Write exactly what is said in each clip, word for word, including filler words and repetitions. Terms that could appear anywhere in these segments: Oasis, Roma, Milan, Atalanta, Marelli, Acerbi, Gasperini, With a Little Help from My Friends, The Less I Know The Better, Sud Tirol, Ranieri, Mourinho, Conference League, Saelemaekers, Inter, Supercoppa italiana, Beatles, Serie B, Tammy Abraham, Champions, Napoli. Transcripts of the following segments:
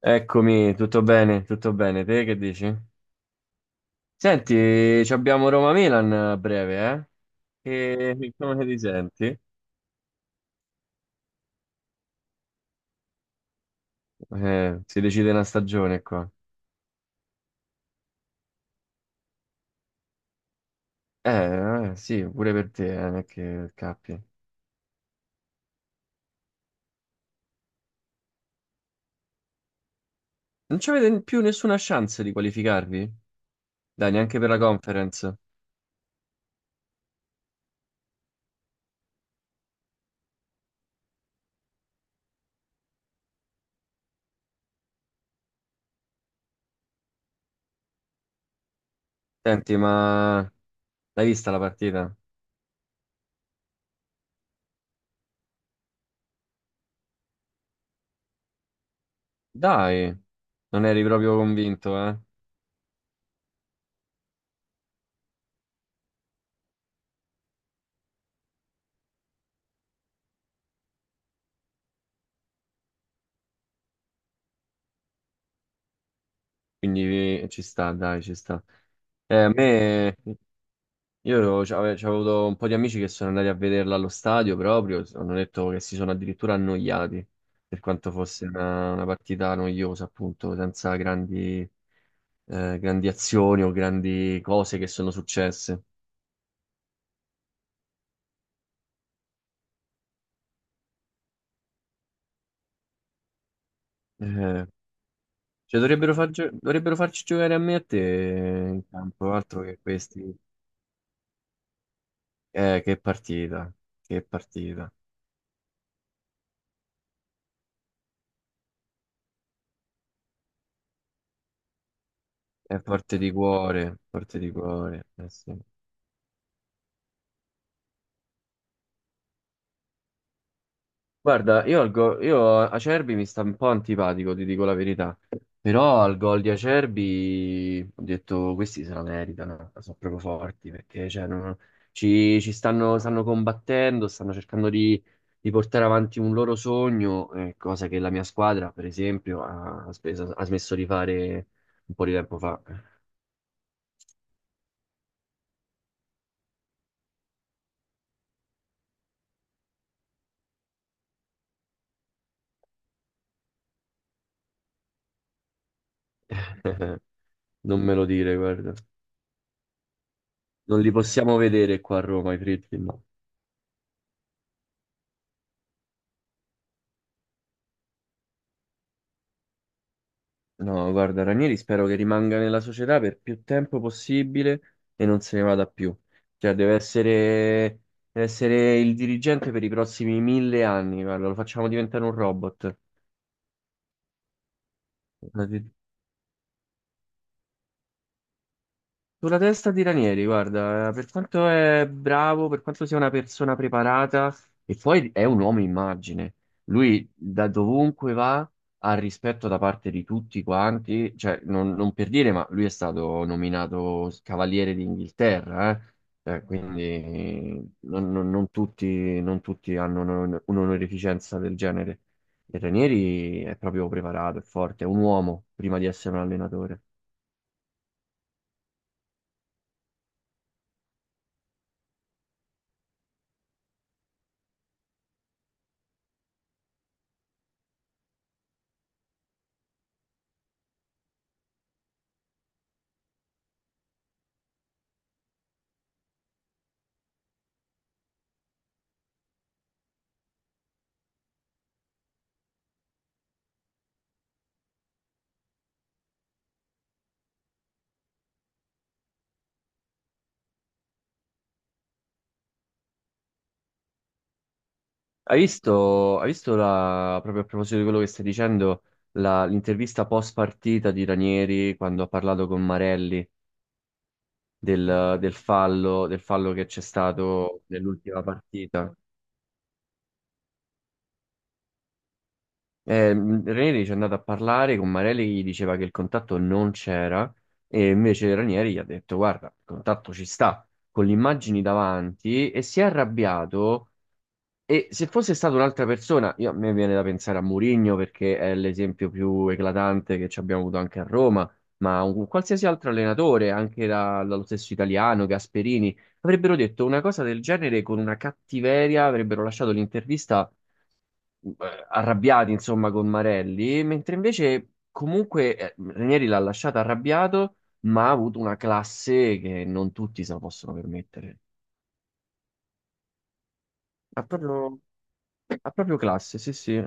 Eccomi, tutto bene, tutto bene. Te che dici? Senti, ci abbiamo Roma-Milan a breve, eh? E come ti senti? Eh, si decide una stagione qua. Eh, eh, sì, pure per te, eh, non è che cappi. Non c'avete più nessuna chance di qualificarvi? Dai, neanche per la conference. Senti, ma l'hai vista la partita? Dai, non eri proprio convinto, eh? Quindi eh, ci sta, dai, ci sta. Eh, a me... Io c'ave- c'avevo avuto un po' di amici che sono andati a vederla allo stadio proprio, hanno detto che si sono addirittura annoiati, per quanto fosse una, una partita noiosa, appunto, senza grandi, eh, grandi azioni o grandi cose che sono successe. Eh, cioè dovrebbero, far gio- dovrebbero farci giocare a me e a te in campo, altro che questi. Eh, che partita, che partita. È forte di cuore, forte di cuore. Eh sì. Guarda, io, al go- io a- Acerbi mi sta un po' antipatico, ti dico la verità. Però al gol di Acerbi ho detto questi se la meritano, sono proprio forti perché cioè, non- ci, ci stanno, stanno combattendo, stanno cercando di, di portare avanti un loro sogno, eh, cosa che la mia squadra, per esempio, ha, ha speso- ha smesso di fare un po' di tempo fa. Non me lo dire, guarda. Non li possiamo vedere qua a Roma, i Fritkin. No. No, guarda, Ranieri spero che rimanga nella società per più tempo possibile e non se ne vada più. Cioè, deve essere, deve essere il dirigente per i prossimi mille anni, guarda, lo facciamo diventare un robot. Sulla testa di Ranieri, guarda, eh, per quanto è bravo, per quanto sia una persona preparata, e poi è un uomo immagine. Lui da dovunque va ha rispetto da parte di tutti quanti, cioè non, non per dire, ma lui è stato nominato Cavaliere d'Inghilterra, eh. Cioè, quindi non, non- non tutti, non tutti hanno un- un'onorificenza del genere. E Ranieri è proprio preparato, è forte, è un uomo prima di essere un allenatore. Hai visto, hai visto la, proprio a proposito di quello che stai dicendo, la- l'intervista post partita di Ranieri quando ha parlato con Marelli del, del fallo, del fallo che c'è stato nell'ultima partita? Eh, Ranieri ci è andato a parlare con Marelli che gli diceva che il contatto non c'era e invece Ranieri gli ha detto guarda, il contatto ci sta, con le immagini davanti e si è arrabbiato. E se fosse stata un'altra persona, io, a me viene da pensare a Mourinho perché è l'esempio più eclatante che ci abbiamo avuto anche a Roma, ma un qualsiasi altro allenatore, anche da- dallo stesso italiano, Gasperini, avrebbero detto una cosa del genere con una cattiveria, avrebbero lasciato l'intervista mm, eh, arrabbiati, insomma, con Marelli, mentre invece comunque eh, Ranieri l'ha lasciato arrabbiato, ma ha avuto una classe che non tutti se la possono permettere. Ha proprio, ha proprio classe, sì, sì.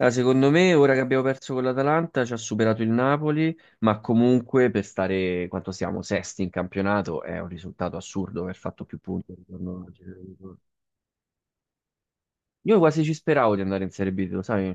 Ah, secondo me, ora che abbiamo perso con l'Atalanta, ci ha superato il Napoli, ma comunque per stare quanto siamo sesti in campionato è un risultato assurdo aver fatto più punti. Intorno alla- gira di ritorno. Io quasi ci speravo di andare in Serie B, lo sai?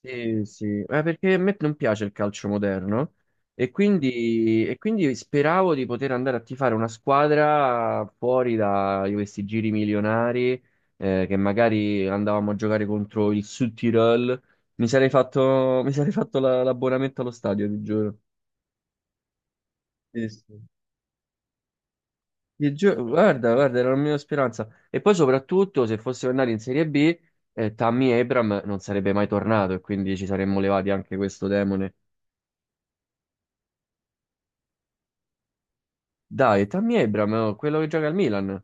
Sì, sì, ma perché a me non piace il calcio moderno e quindi, e quindi speravo di poter andare a tifare una squadra fuori da questi giri milionari, eh, che magari andavamo a giocare contro il Sud Tirol. Mi sarei fatto, mi sarei fatto la- l'abbonamento allo stadio, ti giuro. Sì, sì. Ti giuro, guarda, guarda, era la mia speranza. E poi soprattutto se fossimo andati in Serie B, eh, Tammy Abraham non sarebbe mai tornato e quindi ci saremmo levati anche questo demone. Dai, Tammy Abraham, oh, quello che gioca al Milan.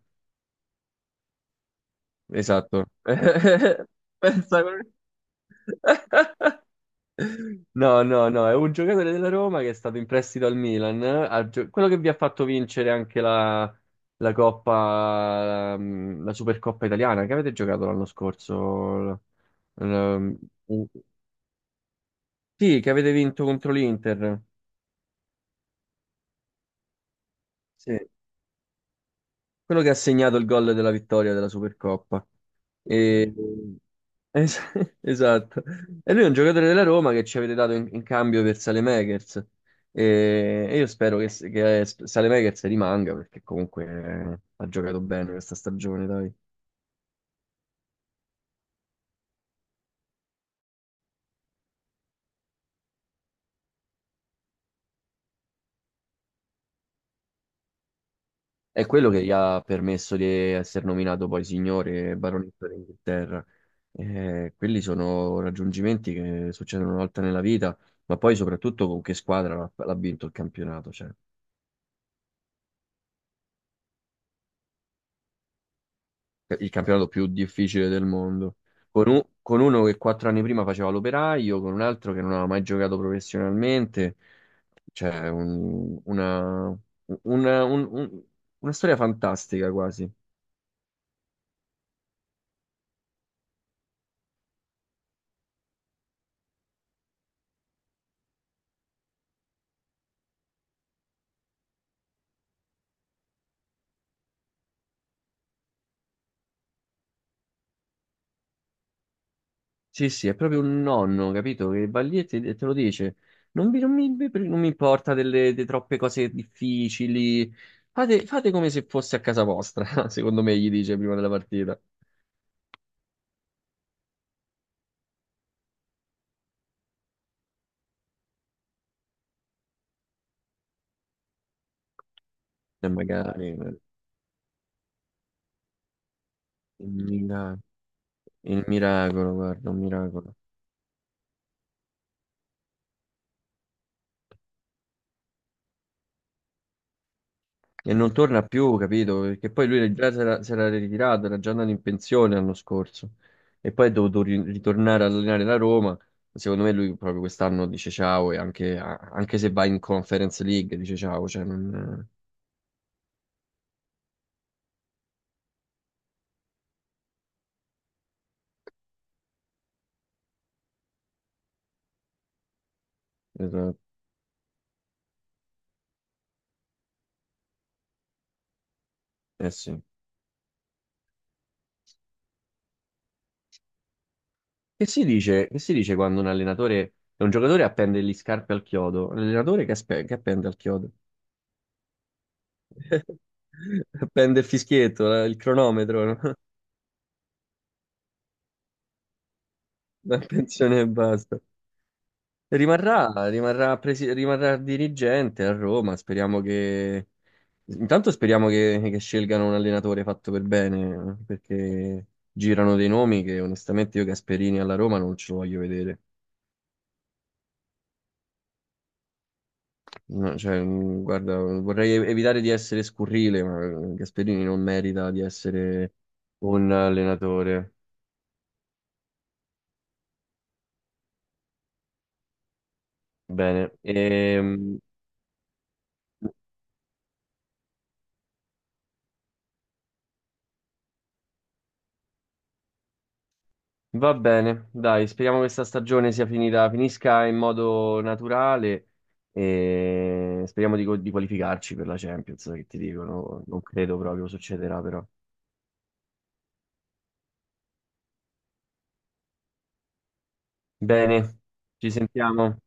Esatto. Pensa come- No, no, no, è un giocatore della Roma che è stato in prestito al Milan, ha gio- quello che vi ha fatto vincere anche la, la Coppa, mm, la Supercoppa italiana, che avete giocato l'anno scorso. L- l- Sì, che avete vinto contro l'Inter. Sì. Quello che ha segnato il gol della vittoria della Supercoppa. E- es- esatto. E lui è un giocatore della Roma che ci avete dato in, in cambio per Saelemaekers. E, e io spero che, che Saelemaekers rimanga perché comunque eh, ha giocato bene questa stagione, dai. È quello che gli ha permesso di essere nominato poi signore e baronetto d'Inghilterra. Eh, quelli sono raggiungimenti che succedono una volta nella vita, ma poi soprattutto con che squadra l'ha l'ha vinto il campionato, cioè. Il campionato più difficile del mondo. Con, un- con uno che quattro anni prima faceva l'operaio, con un altro che non aveva mai giocato professionalmente. Cioè, un- una, una- un- un- una storia fantastica quasi. Sì, sì, è proprio un nonno, capito? Che va lì e te, e te lo dice. Non vi- non mi, non mi importa delle, de troppe cose difficili. Fate, fate come se fosse a casa vostra, secondo me, gli dice prima della partita. E magari... eh, il Milan. Il miracolo, guarda, un miracolo. E non torna più, capito? Perché poi lui già si era, si era ritirato, era già andato in pensione l'anno scorso. E poi è dovuto ri- ritornare ad allenare la Roma. Secondo me lui proprio quest'anno dice ciao e anche, a- anche se va in Conference League dice ciao. Cioè non... Eh esatto, eh sì. Che si dice, che si dice quando un allenatore, un giocatore appende gli scarpe al chiodo? L'allenatore che, aspe- che appende al chiodo? Appende il fischietto, la- il cronometro, no? La pensione e basta. Rimarrà, rimarrà, presi- rimarrà dirigente a Roma. Speriamo che. Intanto speriamo che, che scelgano un allenatore fatto per bene, perché girano dei nomi che onestamente io Gasperini alla Roma non ce lo voglio vedere. No, cioè, mh, guarda, vorrei ev- evitare di essere scurrile, ma eh, Gasperini non merita di essere un allenatore. Bene. Ehm, Va bene, dai, speriamo che questa stagione sia finita, finisca in modo naturale e speriamo di, co- di qualificarci per la Champions, che ti dicono, non credo proprio succederà però. Bene, ci sentiamo.